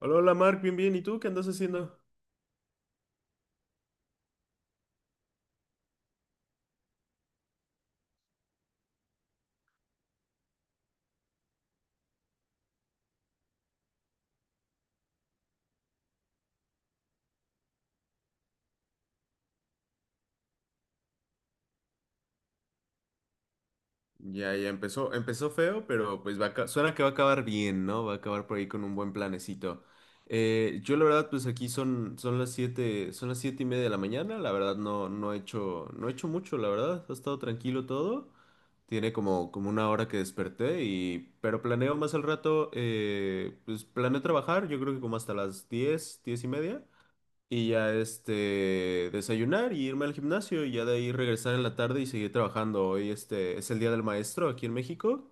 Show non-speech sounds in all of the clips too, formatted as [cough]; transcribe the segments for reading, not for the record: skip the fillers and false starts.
Hola, hola Mark, bien, bien. ¿Y tú qué andas haciendo? Ya, ya empezó feo, pero pues suena que va a acabar bien, ¿no? Va a acabar por ahí con un buen planecito. Yo la verdad, pues aquí son las 7:30 de la mañana. La verdad no, no he hecho mucho, la verdad. Ha estado tranquilo todo. Tiene como una hora que desperté pero planeo más al rato, pues planeo trabajar, yo creo que como hasta las 10, 10:30. Y ya este, desayunar y irme al gimnasio y ya de ahí regresar en la tarde y seguir trabajando. Hoy este es el Día del Maestro aquí en México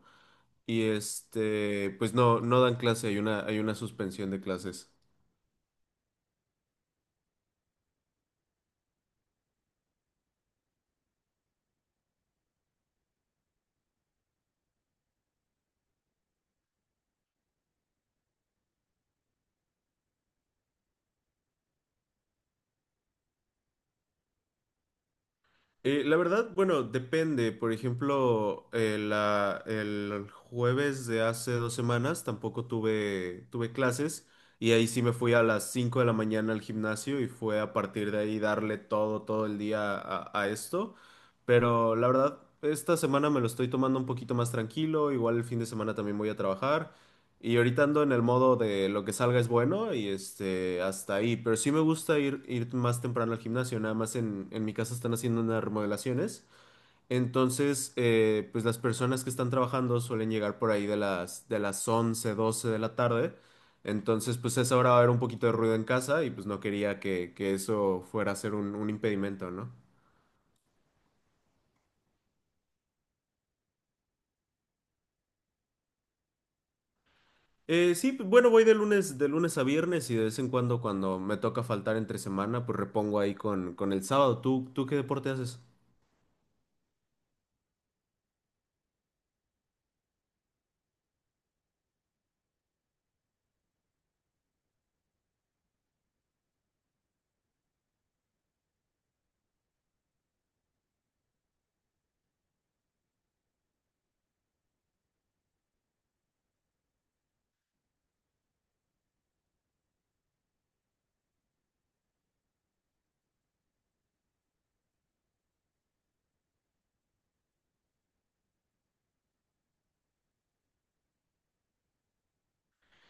y este, pues no, no dan clase, hay una suspensión de clases. La verdad, bueno, depende. Por ejemplo, el jueves de hace 2 semanas tampoco tuve clases y ahí sí me fui a las 5 de la mañana al gimnasio y fue a partir de ahí darle todo, todo el día a esto. Pero la verdad, esta semana me lo estoy tomando un poquito más tranquilo. Igual el fin de semana también voy a trabajar. Y ahorita ando en el modo de lo que salga es bueno y este, hasta ahí. Pero sí me gusta ir más temprano al gimnasio. Nada más en mi casa están haciendo unas remodelaciones. Entonces, pues las personas que están trabajando suelen llegar por ahí de las 11 12 de la tarde. Entonces, pues a esa hora va a haber un poquito de ruido en casa y pues no quería que eso fuera a ser un impedimento, ¿no? Sí, bueno, voy de lunes a viernes y de vez en cuando me toca faltar entre semana, pues repongo ahí con el sábado. ¿Tú qué deporte haces?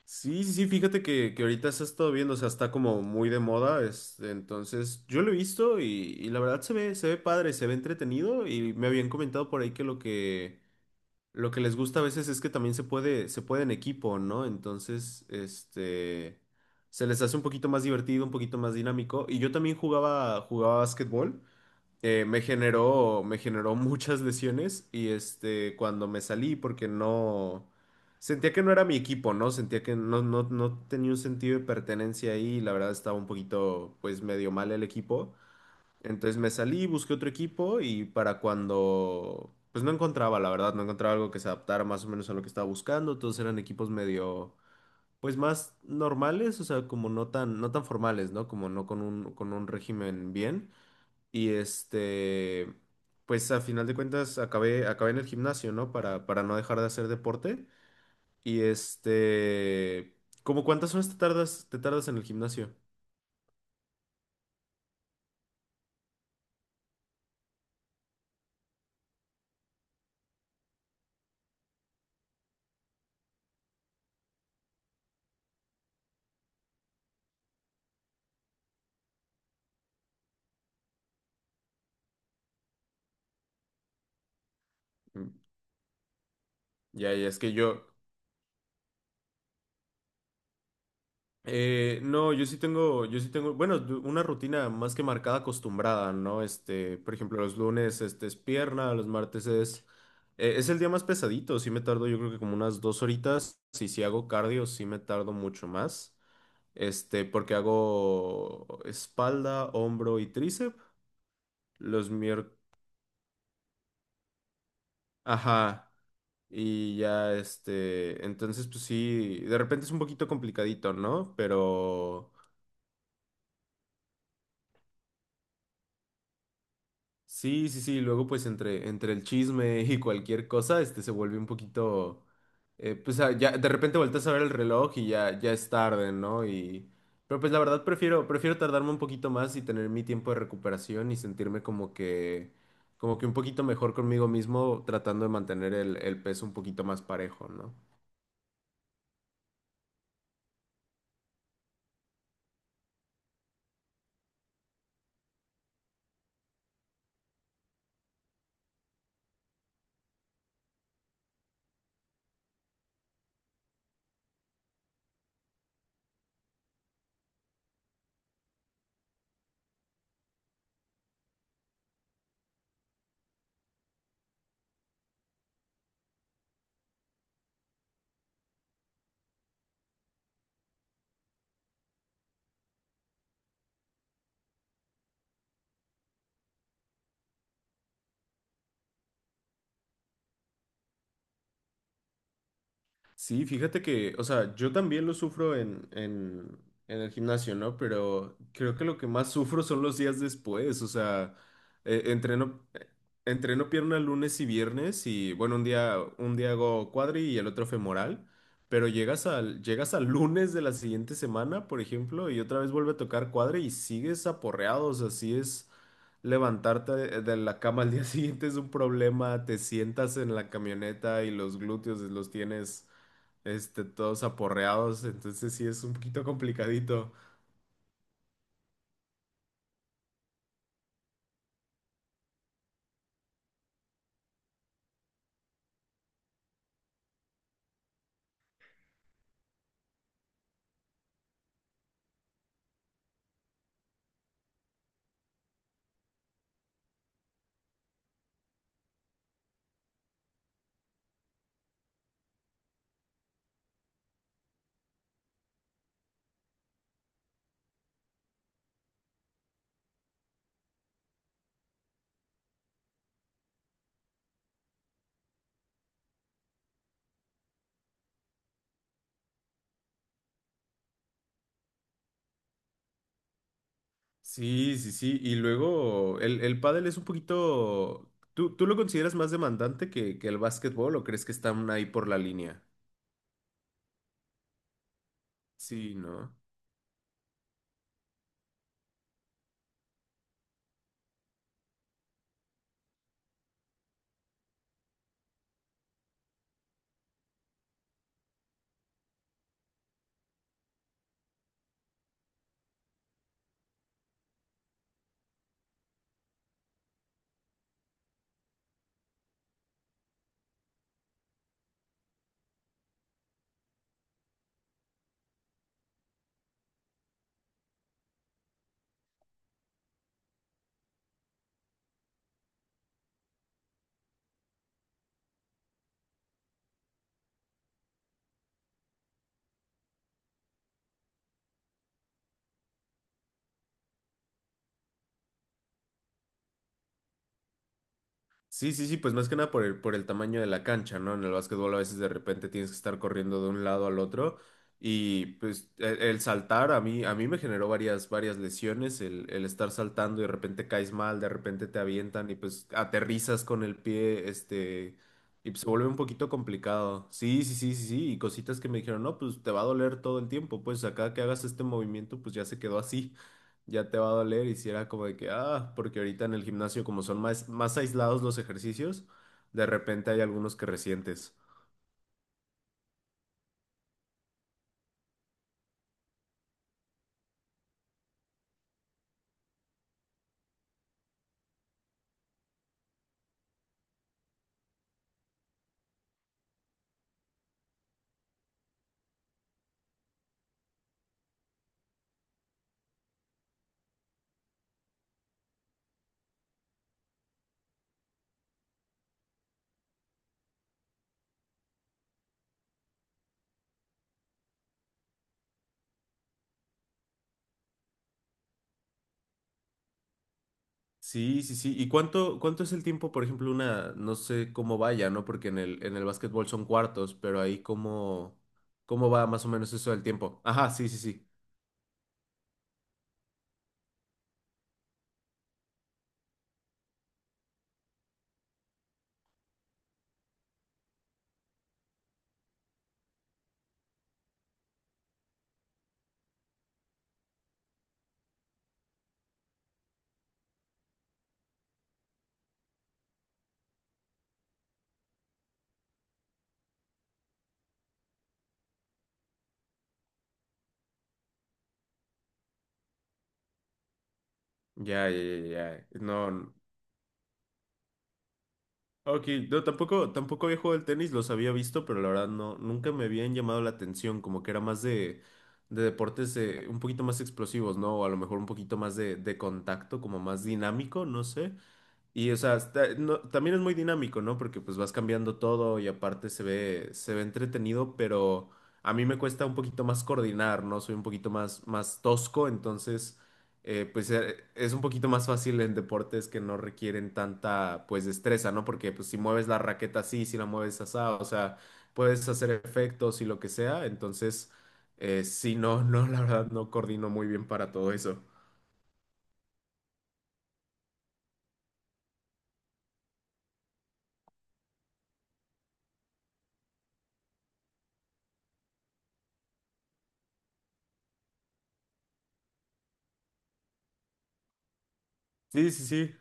Sí, sí, sí, fíjate que ahorita se ha estado viendo, o sea, está como muy de moda, este, entonces yo lo he visto y la verdad se ve padre, se ve entretenido y me habían comentado por ahí que lo que les gusta a veces es que también se puede en equipo, ¿no? Entonces, este, se les hace un poquito más divertido, un poquito más dinámico y yo también jugaba básquetbol. Me generó muchas lesiones y este, cuando me salí porque no, sentía que no era mi equipo, ¿no? Sentía que no tenía un sentido de pertenencia ahí y la verdad estaba un poquito, pues medio mal el equipo. Entonces me salí, busqué otro equipo y para cuando, pues no encontraba, la verdad, no encontraba algo que se adaptara más o menos a lo que estaba buscando. Todos eran equipos medio, pues más normales, o sea, como no tan formales, ¿no? Como no con un régimen bien. Y este, pues a final de cuentas acabé en el gimnasio, ¿no? Para no dejar de hacer deporte. Y este, ¿cómo cuántas horas te tardas en el gimnasio? Mm. Ya, ya, es que yo, no, yo sí tengo, bueno, una rutina más que marcada, acostumbrada, ¿no? Este, por ejemplo, los lunes, este, es pierna, los martes es el día más pesadito, sí me tardo yo creo que como unas 2 horitas, y si hago cardio, sí me tardo mucho más. Este, porque hago espalda, hombro y tríceps los miércoles. Ajá. Y ya, este, entonces, pues sí, de repente es un poquito complicadito, ¿no? Pero, sí, sí, sí, luego pues entre el chisme [laughs] y cualquier cosa, este se vuelve un poquito, pues ah, ya de repente volteas a ver el reloj y ya, ya es tarde, ¿no? Y pero pues la verdad prefiero tardarme un poquito más y tener mi tiempo de recuperación y sentirme como que un poquito mejor conmigo mismo tratando de mantener el peso un poquito más parejo, ¿no? Sí, fíjate que, o sea, yo también lo sufro en el gimnasio, ¿no? Pero creo que lo que más sufro son los días después, o sea, eh, entreno, eh, entreno pierna lunes y viernes y, bueno, un día hago cuadri y el otro femoral, pero llegas al lunes de la siguiente semana, por ejemplo, y otra vez vuelve a tocar cuadri y sigues aporreado, o sea, así es levantarte de la cama al día [laughs] siguiente es un problema, te sientas en la camioneta y los glúteos los tienes este, todos aporreados, entonces sí es un poquito complicadito. Sí, sí, sí, y luego el pádel es un poquito. ¿Tú lo consideras más demandante que el básquetbol o crees que están ahí por la línea? Sí, ¿no? Sí, sí, sí, pues más que nada por el tamaño de la cancha, ¿no? En el básquetbol a veces de repente tienes que estar corriendo de un lado al otro y pues el saltar a mí me generó varias, varias lesiones, el estar saltando y de repente caes mal, de repente te avientan y pues aterrizas con el pie, este, y pues se vuelve un poquito complicado. Sí, sí, sí, sí, sí, y cositas que me dijeron, no, pues te va a doler todo el tiempo, pues acá que hagas este movimiento, pues ya se quedó así, ya te va a doler. Y si era como de que, ah, porque ahorita en el gimnasio como son más, más aislados los ejercicios, de repente hay algunos que resientes. Sí, sí, sí. ¿Y cuánto es el tiempo, por ejemplo, una, no sé cómo vaya, ¿no? Porque en el básquetbol son cuartos, pero ahí cómo va más o menos eso del tiempo. Ajá, sí, sí, sí. Ya, ya, ya, ya. No. Ok, no, tampoco había jugado al tenis, los había visto, pero la verdad no, nunca me habían llamado la atención, como que era más de deportes un poquito más explosivos, ¿no? O a lo mejor un poquito más de contacto, como más dinámico, no sé. Y, o sea, también es muy dinámico, ¿no? Porque pues vas cambiando todo y aparte se ve entretenido, pero a mí me cuesta un poquito más coordinar, ¿no? Soy un poquito más, más tosco, entonces, pues es un poquito más fácil en deportes que no requieren tanta, pues, destreza, ¿no? Porque pues si mueves la raqueta así, si la mueves asá, o sea, puedes hacer efectos y lo que sea, entonces, sí, no, [laughs] no, la verdad no coordino muy bien para todo eso. Sí, sí, sí.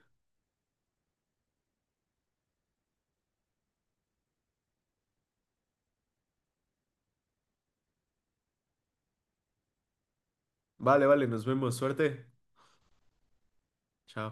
Vale, vale, nos vemos. Suerte. Chao.